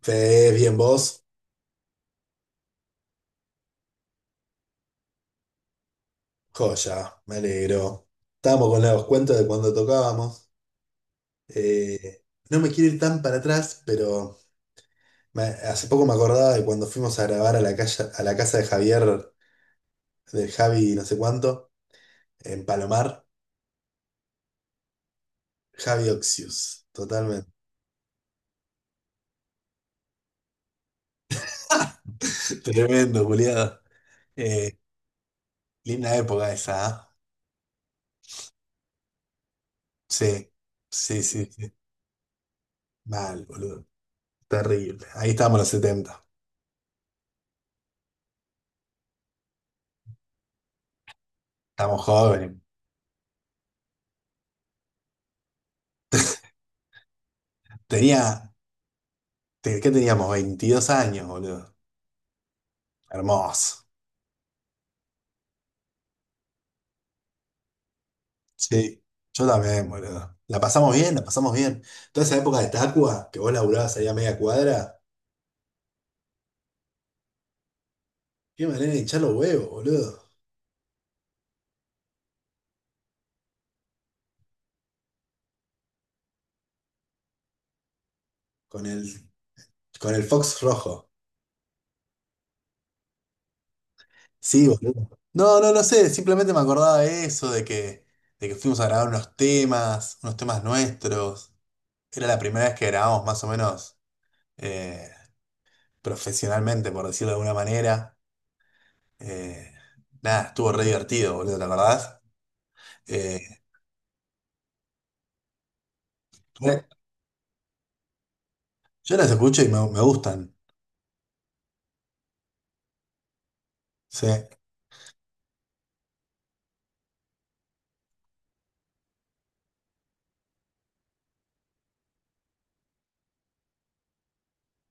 Fede, bien vos, joya, me alegro. Estábamos con los cuentos de cuando tocábamos. Eh, no me quiero ir tan para atrás, pero hace poco me acordaba de cuando fuimos a grabar a la calle, a la casa de Javier, del Javi no sé cuánto, en Palomar. Javi Oxius, totalmente. Tremendo, culiado. Eh, Linda época esa, ¿ah? Sí, sí, sí, sí. Mal, boludo. Terrible. Ahí estábamos los setenta. Estamos jóvenes. Tenía ¿Qué teníamos? 22 años, boludo. Hermoso. Sí, yo también, boludo. La pasamos bien, la pasamos bien. Toda esa época de Tacua, que vos laburabas ahí a media cuadra, qué manera de hinchar los huevos, boludo. Con el, con el Fox rojo. Sí, boludo. No, no, no sé, simplemente me acordaba de eso, de que fuimos a grabar unos temas nuestros. Era la primera vez que grabamos más o menos eh, profesionalmente, por decirlo de alguna manera. Eh, Nada, estuvo re divertido, boludo, ¿te acordás? Eh, me- yo las escucho y me gustan. Sí.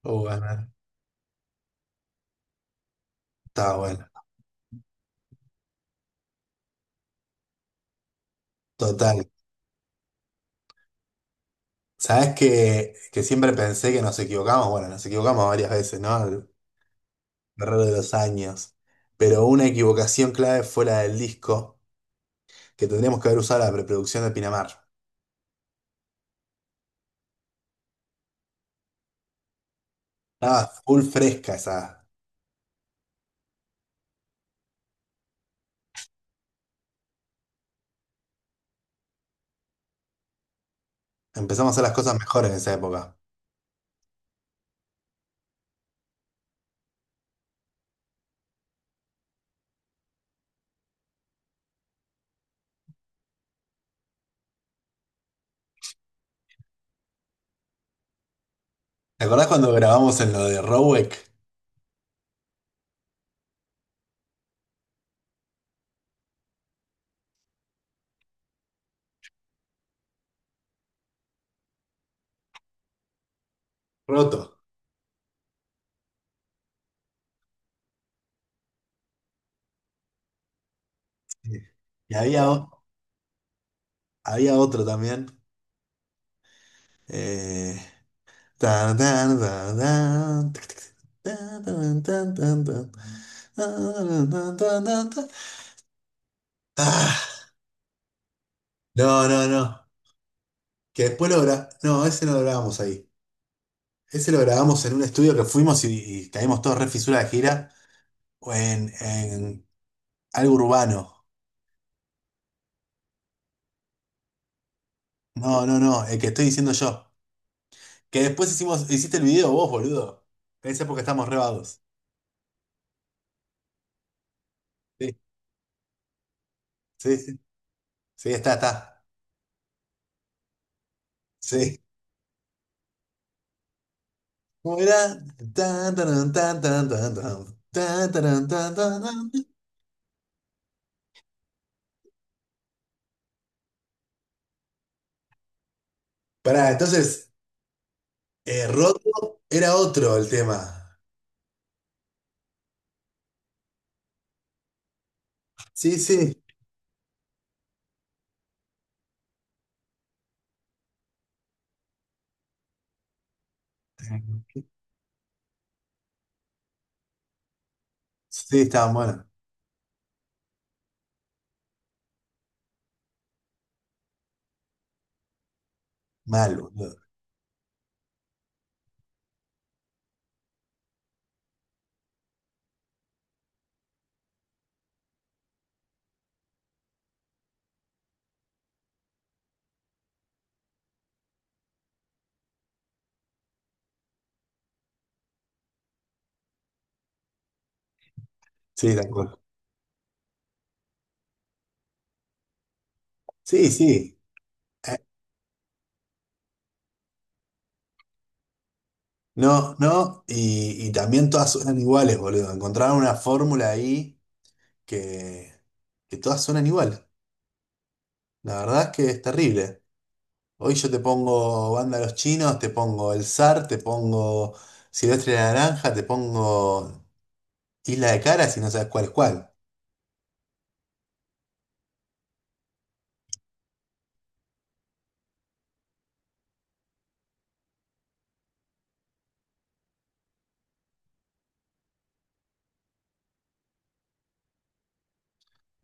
Bueno, está bueno. Total. ¿Sabes que siempre pensé que nos equivocamos? Bueno, nos equivocamos varias veces, ¿no? A lo largo de los años. Pero una equivocación clave fue la del disco, que tendríamos que haber usado la preproducción de Pinamar. Estaba full fresca esa. Empezamos a hacer las cosas mejores en esa época. ¿Te acordás cuando grabamos en lo de Rowek? Roto. Sí. Y había, había otro también. Eh, Tan, tan, tan, tan, tic, tic, tan, tan, tan, tan, tan, tan, tan, tan, tan, tan. Ah, no, no, no. Que después lo grabamos. No, ese no lo grabamos ahí. Ese lo grabamos en un estudio que fuimos y caímos todos re fisura de gira. O en algo urbano. No, no, no. El que estoy diciendo yo. Que después hicimos, hiciste el video vos, boludo. En esa época estamos re vagos. Sí, sí, sí. Sí, está, está. Sí. ¿Cómo era? Tan, taran, tan, tan, tan, tan, tan, taran, tan, tan, tan. Pará, entonces, roto era otro el tema. Sí, sí, sí, estaba bueno. Mal, boludo. Sí, tal cual. Sí, sí. Eh, no, no, y también todas suenan iguales, boludo. Encontraron una fórmula ahí que, que todas suenan igual. La verdad es que es terrible. Hoy yo te pongo Banda Los Chinos, te pongo El zar, te pongo... Silvestre de la Naranja, te pongo. Y la de cara si no sabes cuál es cuál.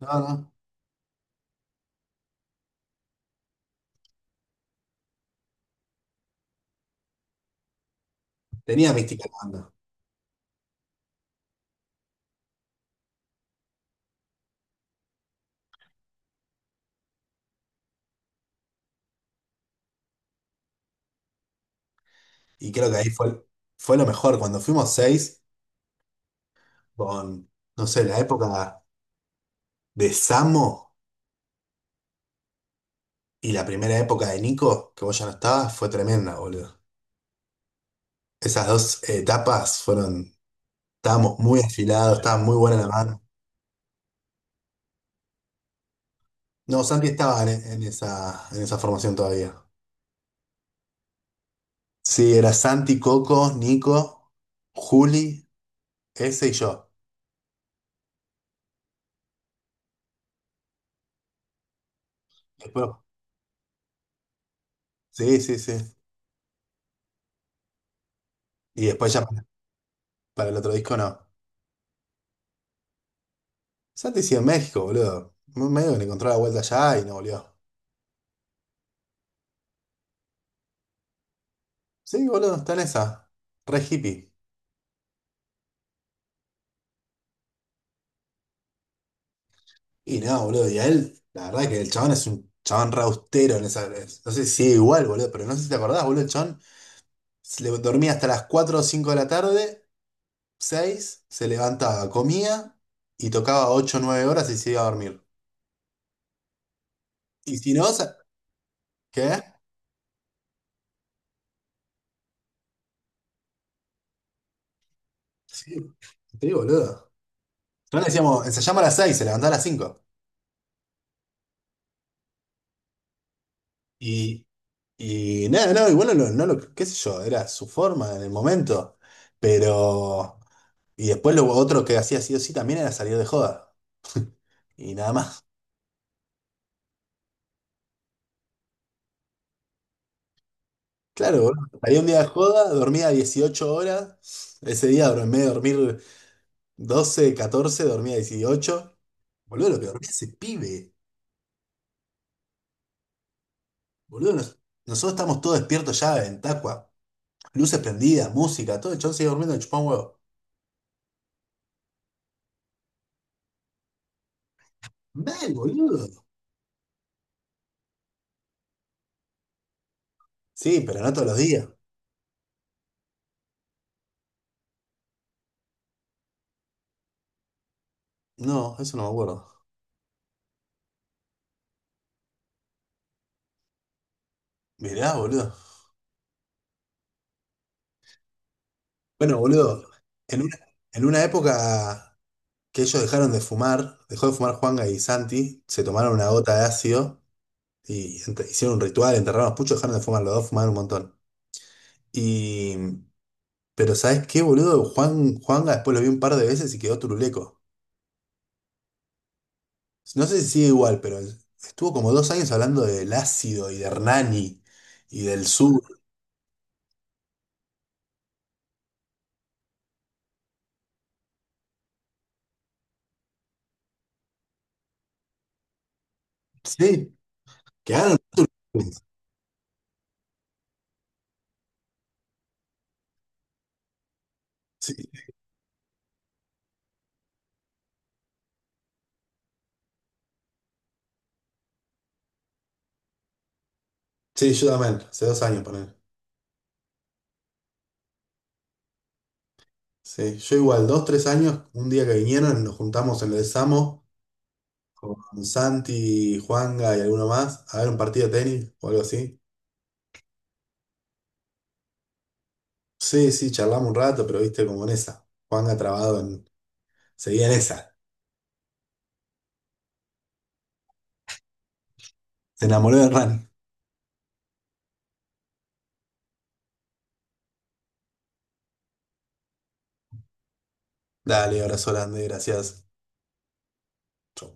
No, no. Tenía mística la banda. Y creo que ahí fue, fue lo mejor. Cuando fuimos seis, con, no sé, la época de Samo y la primera época de Nico, que vos ya no estabas, fue tremenda, boludo. Esas dos etapas fueron. Estábamos muy afilados, estaba muy buena la banda. No, Santi estaba en esa, en esa, formación todavía. Sí, era Santi, Coco, Nico, Juli, ese y yo. Después, sí, sí, sí. Y después ya para el otro disco no. Santi sigue en México, boludo. Medio que le encontró la vuelta allá y no volvió. Sí, boludo, está en esa. Re hippie. Y no, boludo, y a él, la verdad que el chabón es un chabón re austero en esa. No sé si sigue igual, boludo, pero no sé si te acordás, boludo, el chabón se le dormía hasta las 4 o 5 de la tarde, 6 se levantaba, comía y tocaba ocho o 9 horas y se iba a dormir. Y si no, ¿qué? Sí, sí, boludo. No le decíamos, ensayamos a las 6 se levantaba a las cinco. Y, y nada, no, igual no, lo, no lo- qué sé yo, era su forma en el momento, pero... Y después lo otro que hacía sí o sí también era salir de joda, y nada más. Claro, boludo, salía un día de joda, dormía 18 horas, ese día dor- en vez de dormir 12 14 dormía 18. Boludo, lo que dormía ese pibe, boludo, nosotros estamos todos despiertos ya en Tacua, luces prendidas, música, todo, el chon sigue durmiendo, chupá un huevo. Mal, boludo. Sí, pero no todos los días. No, eso no me acuerdo. Mirá, boludo. Bueno, boludo, en una, en una época que ellos dejaron de fumar, dejó de fumar Juanga y Santi, se tomaron una gota de ácido y ent- hicieron un ritual, enterraron los puchos, dejaron de fumar, los dos fumaron un montón. Y, pero ¿sabés qué, boludo? Juanga después lo vi un par de veces y quedó turuleco. No sé si sigue igual, pero estuvo como 2 años hablando del ácido y de Hernani y del sur. Sí, quedaron. Sí, sí, yo también, hace 2 años, él. Sí, yo igual, 2, 3 años, un día que vinieron, nos juntamos en el Samo con Santi, Juanga y alguno más a ver un partido de tenis o algo así. Sí, sí, charlamos un rato, pero viste como en esa. Juanga trabado en... Seguía en esa. Se enamoró de Rani. Dale, abrazo grande, gracias. Chau.